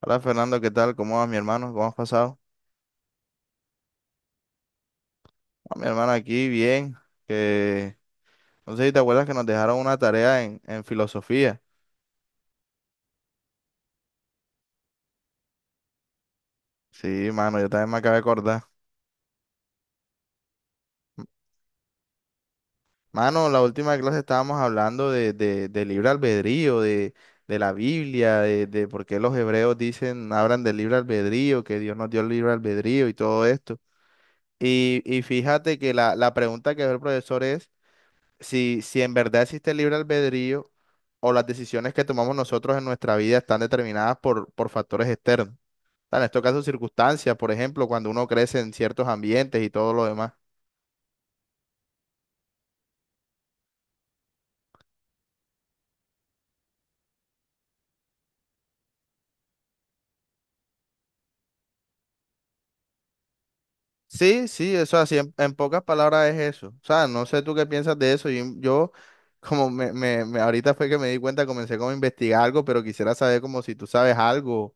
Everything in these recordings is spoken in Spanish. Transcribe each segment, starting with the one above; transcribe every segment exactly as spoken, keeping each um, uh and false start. Hola Fernando, ¿qué tal? ¿Cómo vas, mi hermano? ¿Cómo has pasado? Ah, mi hermano aquí, bien. Que no sé si te acuerdas que nos dejaron una tarea en, en filosofía. Sí, mano, yo también me acabé de acordar. Mano, la última clase estábamos hablando de, de, de libre albedrío, de, de la Biblia, de, de por qué los hebreos dicen, hablan del libre albedrío, que Dios nos dio el libre albedrío y todo esto. Y, y fíjate que la, la pregunta que ve el profesor es. si, si en verdad existe el libre albedrío o las decisiones que tomamos nosotros en nuestra vida están determinadas por, por factores externos. En estos casos, circunstancias, por ejemplo, cuando uno crece en ciertos ambientes y todo lo demás. Sí, sí, eso así, en, en pocas palabras es eso. O sea, no sé tú qué piensas de eso. Yo, yo como me, me, me- ahorita fue que me di cuenta, comencé como a investigar algo, pero quisiera saber como si tú sabes algo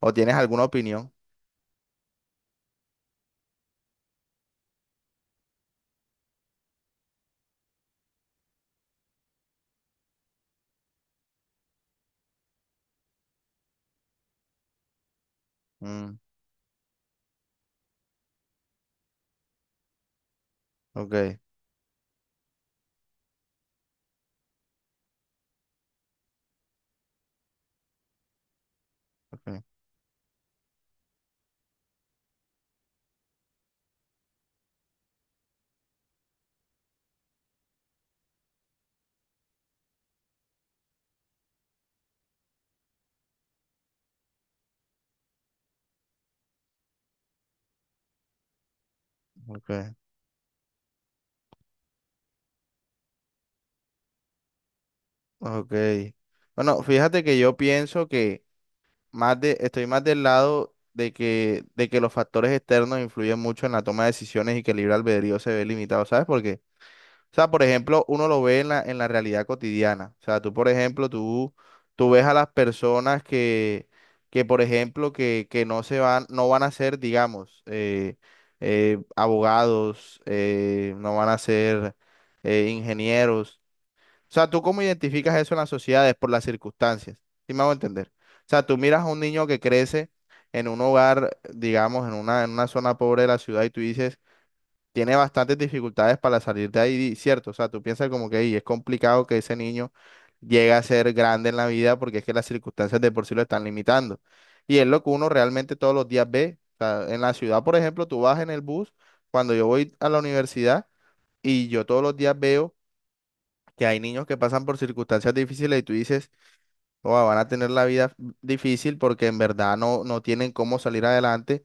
o tienes alguna opinión. Mm, ok, ok, ok, ok. Bueno, fíjate que yo pienso que más de, estoy más del lado de que, de que los factores externos influyen mucho en la toma de decisiones y que el libre albedrío se ve limitado, ¿sabes por qué? O sea, por ejemplo, uno lo ve en la, en la realidad cotidiana. O sea, tú, por ejemplo, tú, tú ves a las personas que, que por ejemplo, que, que no se van, no van a ser, digamos, eh, eh, abogados, eh, no van a ser eh, ingenieros. O sea, ¿tú cómo identificas eso en las sociedades por las circunstancias? ¿Sí me hago entender? O sea, tú miras a un niño que crece en un hogar, digamos, en una, en una zona pobre de la ciudad y tú dices, tiene bastantes dificultades para salir de ahí, ¿cierto? O sea, tú piensas como que "Ey, es complicado que ese niño llegue a ser grande en la vida porque es que las circunstancias de por sí lo están limitando". Y es lo que uno realmente todos los días ve. O sea, en la ciudad, por ejemplo, tú vas en el bus, cuando yo voy a la universidad y yo todos los días veo que hay niños que pasan por circunstancias difíciles y tú dices, oh, van a tener la vida difícil porque en verdad no, no tienen cómo salir adelante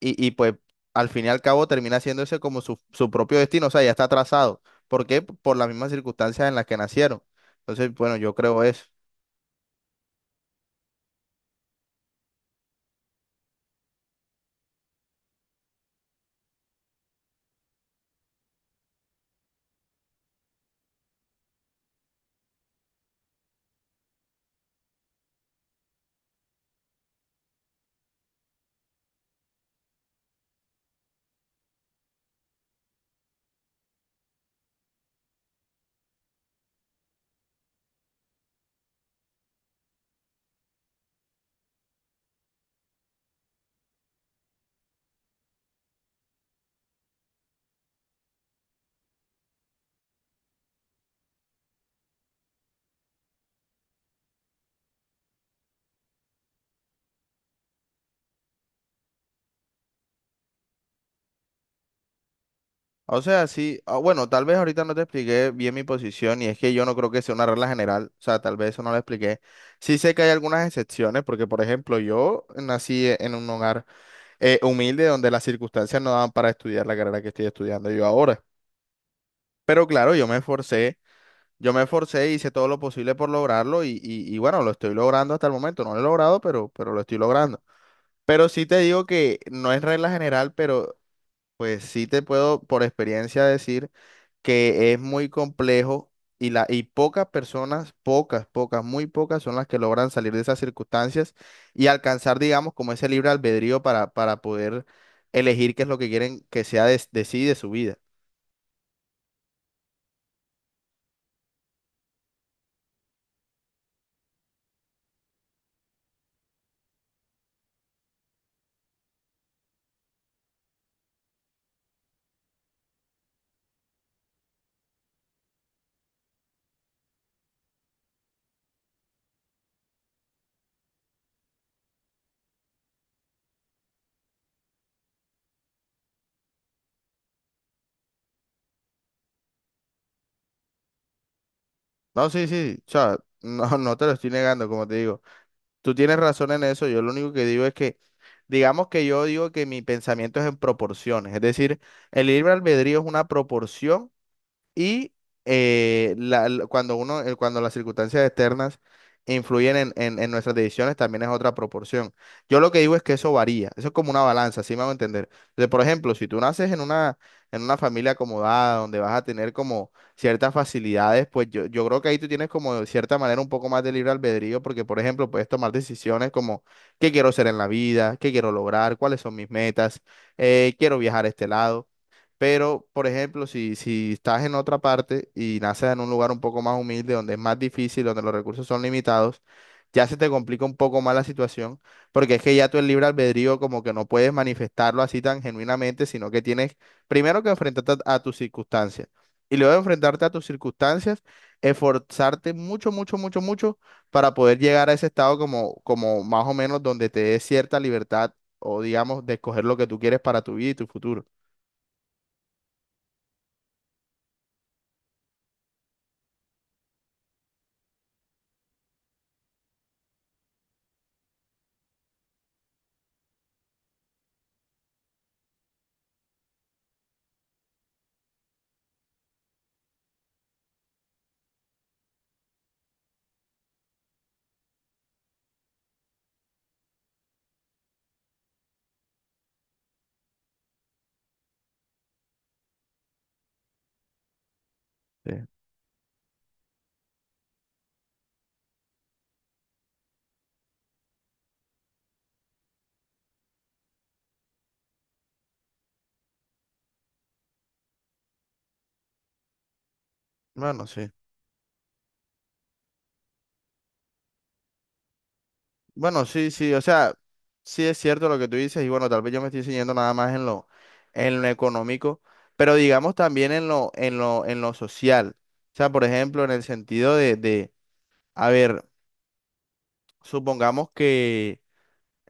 y, y pues al fin y al cabo termina haciéndose como su, su propio destino, o sea, ya está trazado. ¿Por qué? Por las mismas circunstancias en las que nacieron. Entonces, bueno, yo creo eso. O sea, sí, ah, bueno, tal vez ahorita no te expliqué bien mi posición y es que yo no creo que sea una regla general, o sea, tal vez eso no lo expliqué. Sí sé que hay algunas excepciones porque, por ejemplo, yo nací en un hogar eh, humilde donde las circunstancias no daban para estudiar la carrera que estoy estudiando yo ahora. Pero claro, yo me esforcé, yo me esforcé, hice todo lo posible por lograrlo y, y- y bueno, lo estoy logrando hasta el momento. No lo he logrado, pero, pero lo estoy logrando. Pero sí te digo que no es regla general, pero pues sí te puedo por experiencia decir que es muy complejo y, la, y pocas personas, pocas, pocas, muy pocas son las que logran salir de esas circunstancias y alcanzar, digamos, como ese libre albedrío para, para poder elegir qué es lo que quieren que sea de, de sí, y de su vida. No, sí, sí, o sea, no, no te lo estoy negando, como te digo. Tú tienes razón en eso, yo lo único que digo es que, digamos que yo digo que mi pensamiento es en proporciones, es decir, el libre albedrío es una proporción. Y eh, la- la- cuando uno, eh, cuando las circunstancias externas influyen en, en- en nuestras decisiones, también es otra proporción. Yo lo que digo es que eso varía, eso es como una balanza, ¿sí me van a entender? Entonces, por ejemplo, si tú naces en una, en una familia acomodada, donde vas a tener como ciertas facilidades, pues yo, yo creo que ahí tú tienes como de cierta manera un poco más de libre albedrío, porque, por ejemplo, puedes tomar decisiones como qué quiero ser en la vida, qué quiero lograr, cuáles son mis metas, eh, quiero viajar a este lado. Pero, por ejemplo, si, si estás en otra parte y naces en un lugar un poco más humilde, donde es más difícil, donde los recursos son limitados, ya se te complica un poco más la situación, porque es que ya tú el libre albedrío como que no puedes manifestarlo así tan genuinamente, sino que tienes primero que enfrentarte a, a tus circunstancias. Y luego de enfrentarte a tus circunstancias, esforzarte mucho, mucho, mucho, mucho para poder llegar a ese estado como, como más o menos donde te dé cierta libertad o digamos de escoger lo que tú quieres para tu vida y tu futuro. Bueno, sí. Bueno, sí, sí, o sea, sí es cierto lo que tú dices y bueno, tal vez yo me estoy enseñando nada más en lo, en lo económico, pero digamos también en lo, en lo, en lo social. O sea, por ejemplo, en el sentido de, de, a ver, supongamos que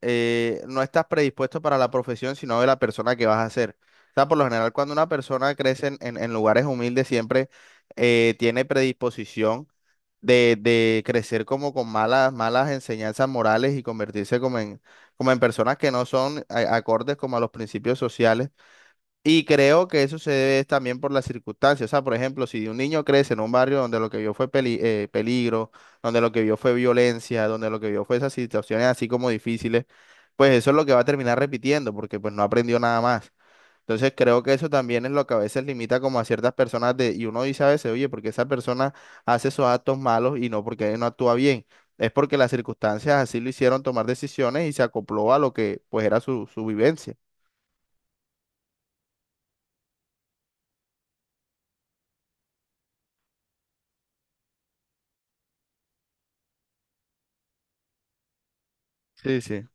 eh, no estás predispuesto para la profesión, sino de la persona que vas a ser. O sea, por lo general, cuando una persona crece en, en- en lugares humildes, siempre eh, tiene predisposición de, de crecer como con malas, malas enseñanzas morales y convertirse como en, como en personas que no son a- acordes como a los principios sociales. Y creo que eso se debe también por las circunstancias. O sea, por ejemplo, si un niño crece en un barrio donde lo que vio fue peli- eh, peligro, donde lo que vio fue violencia, donde lo que vio fue esas situaciones así como difíciles, pues eso es lo que va a terminar repitiendo, porque pues no aprendió nada más. Entonces creo que eso también es lo que a veces limita como a ciertas personas de, y uno dice a veces, oye, porque esa persona hace esos actos malos y no porque no actúa bien. Es porque las circunstancias así lo hicieron tomar decisiones y se acopló a lo que pues era su, su vivencia. Sí, sí.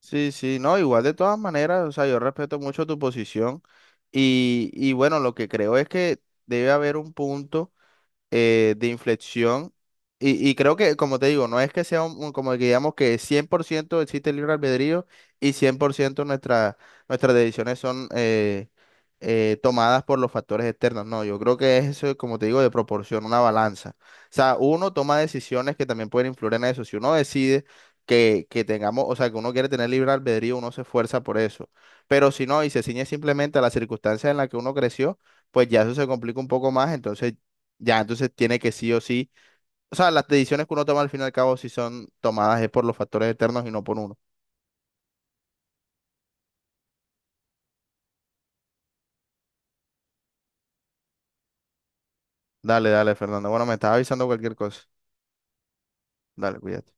Sí, sí, no, igual de todas maneras, o sea, yo respeto mucho tu posición y, y bueno, lo que creo es que debe haber un punto eh, de inflexión. Y, y creo que, como te digo, no es que sea un, un- como que digamos que cien por ciento existe el libre albedrío y cien por ciento nuestra, nuestras decisiones son eh, eh, tomadas por los factores externos. No, yo creo que es eso, como te digo, de proporción, una balanza. O sea, uno toma decisiones que también pueden influir en eso. Si uno decide que, que tengamos, o sea, que uno quiere tener libre albedrío, uno se esfuerza por eso. Pero si no, y se ciñe simplemente a las circunstancias en las que uno creció, pues ya eso se complica un poco más. Entonces ya, entonces tiene que sí o sí. O sea, las decisiones que uno toma al fin y al cabo, si son tomadas es por los factores externos y no por uno. Dale, dale, Fernando. Bueno, me estás avisando cualquier cosa. Dale, cuídate.